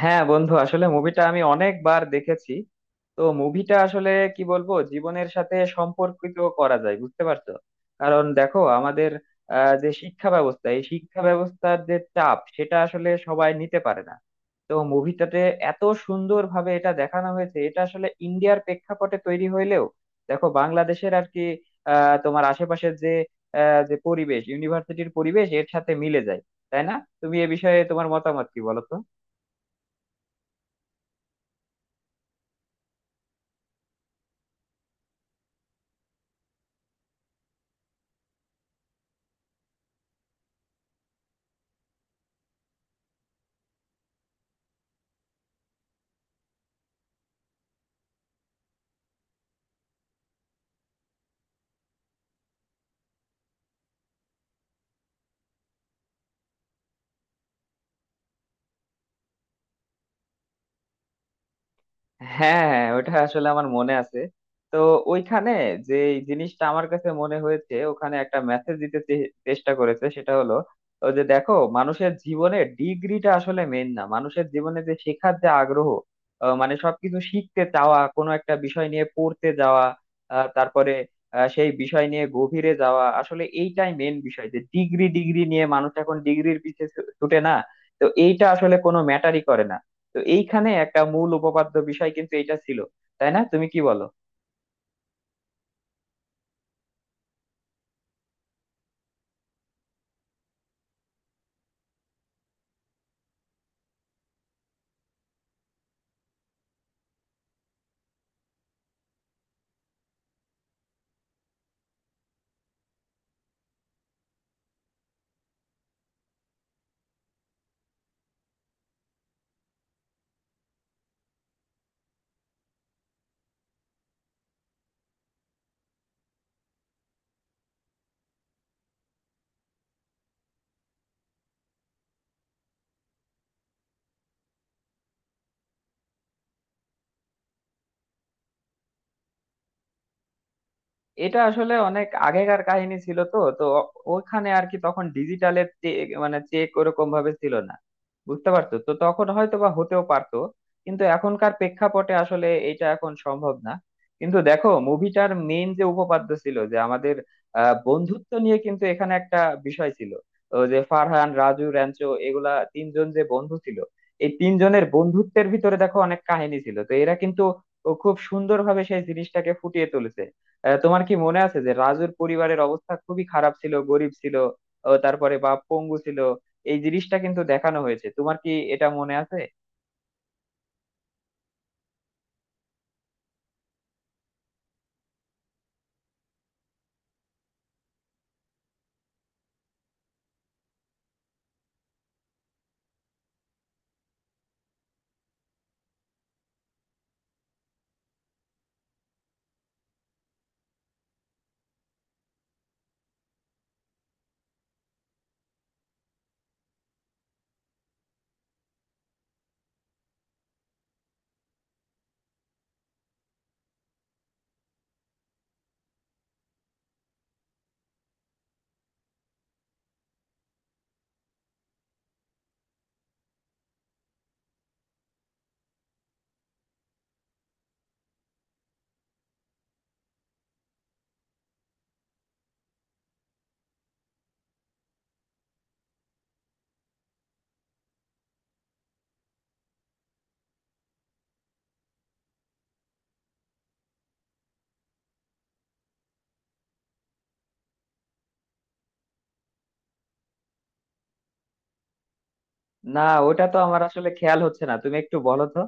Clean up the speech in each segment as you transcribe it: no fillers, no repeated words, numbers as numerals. হ্যাঁ বন্ধু, আসলে মুভিটা আমি অনেকবার দেখেছি। তো মুভিটা আসলে কি বলবো, জীবনের সাথে সম্পর্কিত করা যায়, বুঝতে পারছো? কারণ দেখো আমাদের যে শিক্ষা ব্যবস্থা, এই শিক্ষা ব্যবস্থার যে চাপ সেটা আসলে সবাই নিতে পারে না। তো মুভিটাতে এত সুন্দরভাবে এটা দেখানো হয়েছে, এটা আসলে ইন্ডিয়ার প্রেক্ষাপটে তৈরি হইলেও দেখো বাংলাদেশের আর কি তোমার আশেপাশের যে যে পরিবেশ, ইউনিভার্সিটির পরিবেশ এর সাথে মিলে যায়, তাই না? তুমি এ বিষয়ে তোমার মতামত কি বলো তো। হ্যাঁ হ্যাঁ, ওটা আসলে আমার মনে আছে। তো ওইখানে যে এই জিনিসটা আমার কাছে মনে হয়েছে, ওখানে একটা মেসেজ দিতে চেষ্টা করেছে, সেটা হলো ও যে দেখো মানুষের জীবনে ডিগ্রিটা আসলে মেন না, মানুষের জীবনে যে শেখার যে আগ্রহ, মানে সবকিছু শিখতে চাওয়া, কোনো একটা বিষয় নিয়ে পড়তে যাওয়া, তারপরে সেই বিষয় নিয়ে গভীরে যাওয়া, আসলে এইটাই মেন বিষয়। যে ডিগ্রি ডিগ্রি নিয়ে মানুষ এখন ডিগ্রির পিছে ছুটে না। তো এইটা আসলে কোনো ম্যাটারই করে না। তো এইখানে একটা মূল উপপাদ্য বিষয় কিন্তু এটা ছিল, তাই না? তুমি কি বলো? এটা আসলে অনেক আগেকার কাহিনী ছিল, তো তো ও- ওখানে আর কি তখন ডিজিটালের মানে চেক ওরকম ভাবে ছিল না, বুঝতে পারছো? তো তখন হয়তো বা হতেও পারতো, কিন্তু এখনকার প্রেক্ষাপটে আসলে এটা এখন সম্ভব না। কিন্তু দেখো মুভিটার মেইন যে উপপাদ্য ছিল, যে আমাদের বন্ধুত্ব নিয়ে কিন্তু এখানে একটা বিষয় ছিল। তো যে ফারহান, রাজু, র্যাঞ্চো, এগুলা তিনজন যে বন্ধু ছিল, এই তিনজনের বন্ধুত্বের ভিতরে দেখো অনেক কাহিনী ছিল। তো এরা কিন্তু খুব সুন্দরভাবে সেই জিনিসটাকে ফুটিয়ে তুলেছে। তোমার কি মনে আছে যে রাজুর পরিবারের অবস্থা খুবই খারাপ ছিল, গরিব ছিল, ও তারপরে বা পঙ্গু ছিল? এই জিনিসটা কিন্তু দেখানো হয়েছে, তোমার কি এটা মনে আছে? না, ওটা তো আমার আসলে খেয়াল হচ্ছে না, তুমি একটু বলো তো।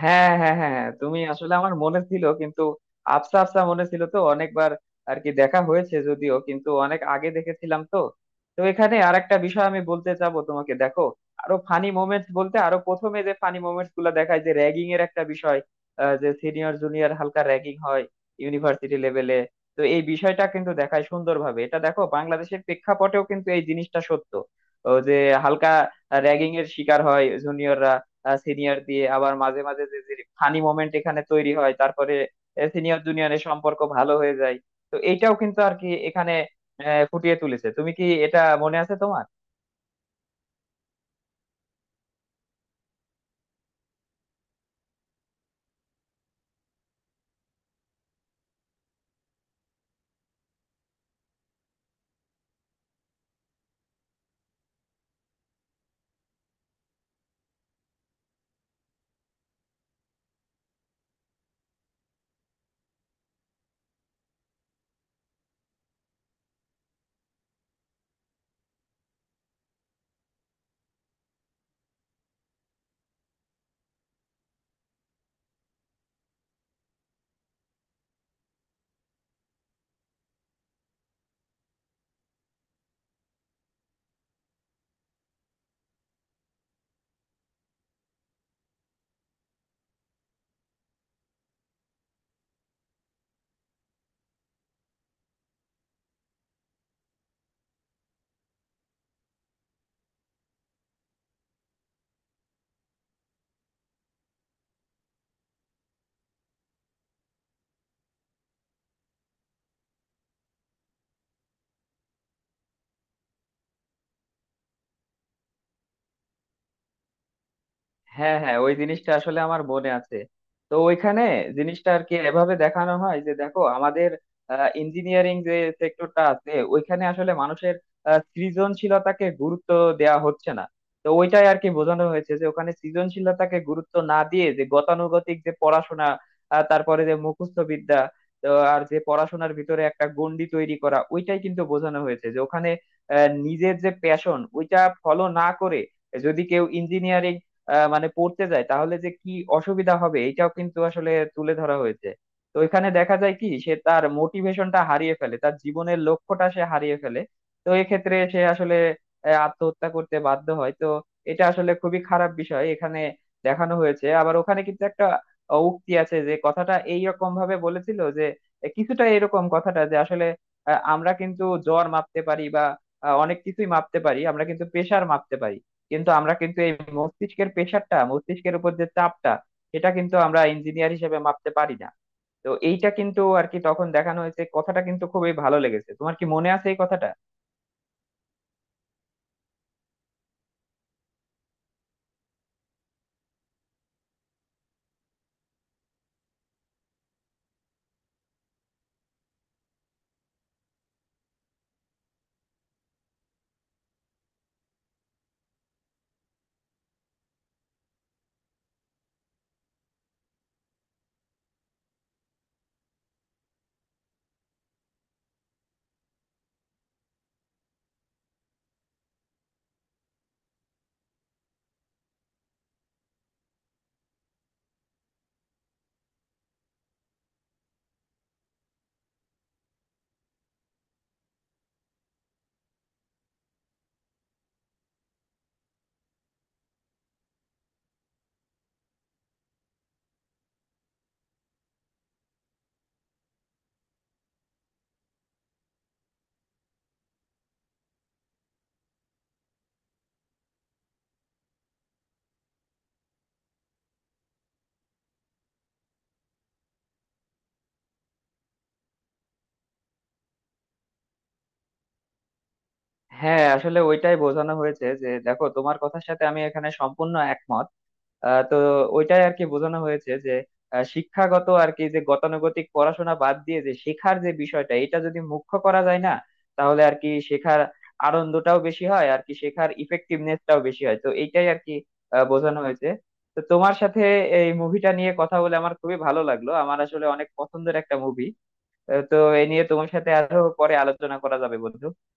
হ্যাঁ হ্যাঁ হ্যাঁ হ্যাঁ, তুমি আসলে আমার মনে ছিল কিন্তু আবসা আবসা মনে ছিল। তো অনেকবার আর কি দেখা হয়েছে, যদিও কিন্তু অনেক আগে দেখেছিলাম। তো তো এখানে আরেকটা বিষয় আমি বলতে চাবো তোমাকে। দেখো আরো ফানি মোমেন্টস বলতে, আরো প্রথমে যে ফানি মোমেন্টস গুলো দেখায় যে র্যাগিং এর একটা বিষয়, যে সিনিয়র জুনিয়র হালকা র্যাগিং হয় ইউনিভার্সিটি লেভেলে। তো এই বিষয়টা কিন্তু দেখায় সুন্দরভাবে, এটা দেখো বাংলাদেশের প্রেক্ষাপটেও কিন্তু এই জিনিসটা সত্য। ও যে হালকা র্যাগিং এর শিকার হয় জুনিয়ররা সিনিয়র দিয়ে, আবার মাঝে মাঝে যে যে ফানি মোমেন্ট এখানে তৈরি হয়, তারপরে সিনিয়র জুনিয়রের সম্পর্ক ভালো হয়ে যায়। তো এটাও কিন্তু আর কি এখানে ফুটিয়ে তুলেছে। তুমি কি এটা মনে আছে তোমার? হ্যাঁ হ্যাঁ, ওই জিনিসটা আসলে আমার মনে আছে। তো ওইখানে জিনিসটা আর কি এভাবে দেখানো হয় যে দেখো আমাদের ইঞ্জিনিয়ারিং যে সেক্টরটা আছে ওইখানে আসলে মানুষের সৃজনশীলতাকে গুরুত্ব দেওয়া হচ্ছে না। তো ওইটাই আর কি বোঝানো হয়েছে যে ওখানে সৃজনশীলতাকে গুরুত্ব না দিয়ে যে গতানুগতিক যে পড়াশোনা, তারপরে যে মুখস্থ বিদ্যা, তো আর যে পড়াশোনার ভিতরে একটা গণ্ডি তৈরি করা, ওইটাই কিন্তু বোঝানো হয়েছে। যে ওখানে নিজের যে প্যাশন ওইটা ফলো না করে যদি কেউ ইঞ্জিনিয়ারিং মানে পড়তে যায়, তাহলে যে কি অসুবিধা হবে, এটাও কিন্তু আসলে তুলে ধরা হয়েছে। তো এখানে দেখা যায় কি সে তার মোটিভেশনটা হারিয়ে ফেলে, তার জীবনের লক্ষ্যটা সে হারিয়ে ফেলে। তো এক্ষেত্রে সে আসলে আত্মহত্যা করতে বাধ্য হয়। তো এটা আসলে খুবই খারাপ বিষয়, এখানে দেখানো হয়েছে। আবার ওখানে কিন্তু একটা উক্তি আছে, যে কথাটা এইরকম ভাবে বলেছিল যে কিছুটা এরকম কথাটা যে আসলে আমরা কিন্তু জ্বর মাপতে পারি বা অনেক কিছুই মাপতে পারি, আমরা কিন্তু প্রেসার মাপতে পারি, কিন্তু আমরা কিন্তু এই মস্তিষ্কের প্রেশারটা, মস্তিষ্কের উপর যে চাপটা, সেটা কিন্তু আমরা ইঞ্জিনিয়ার হিসেবে মাপতে পারি না। তো এইটা কিন্তু আর কি তখন দেখানো হয়েছে, কথাটা কিন্তু খুবই ভালো লেগেছে। তোমার কি মনে আছে এই কথাটা? হ্যাঁ, আসলে ওইটাই বোঝানো হয়েছে যে দেখো তোমার কথার সাথে আমি এখানে সম্পূর্ণ একমত। তো ওইটাই আর কি বোঝানো হয়েছে যে শিক্ষাগত আর কি যে গতানুগতিক পড়াশোনা বাদ দিয়ে যে শেখার যে বিষয়টা এটা যদি মুখ্য করা যায় না, তাহলে আর কি শেখার আনন্দটাও বেশি হয়, আর কি শেখার ইফেক্টিভনেসটাও বেশি হয়। তো এইটাই আর কি বোঝানো হয়েছে। তো তোমার সাথে এই মুভিটা নিয়ে কথা বলে আমার খুবই ভালো লাগলো, আমার আসলে অনেক পছন্দের একটা মুভি। তো এ নিয়ে তোমার সাথে আরো পরে আলোচনা করা যাবে বন্ধু।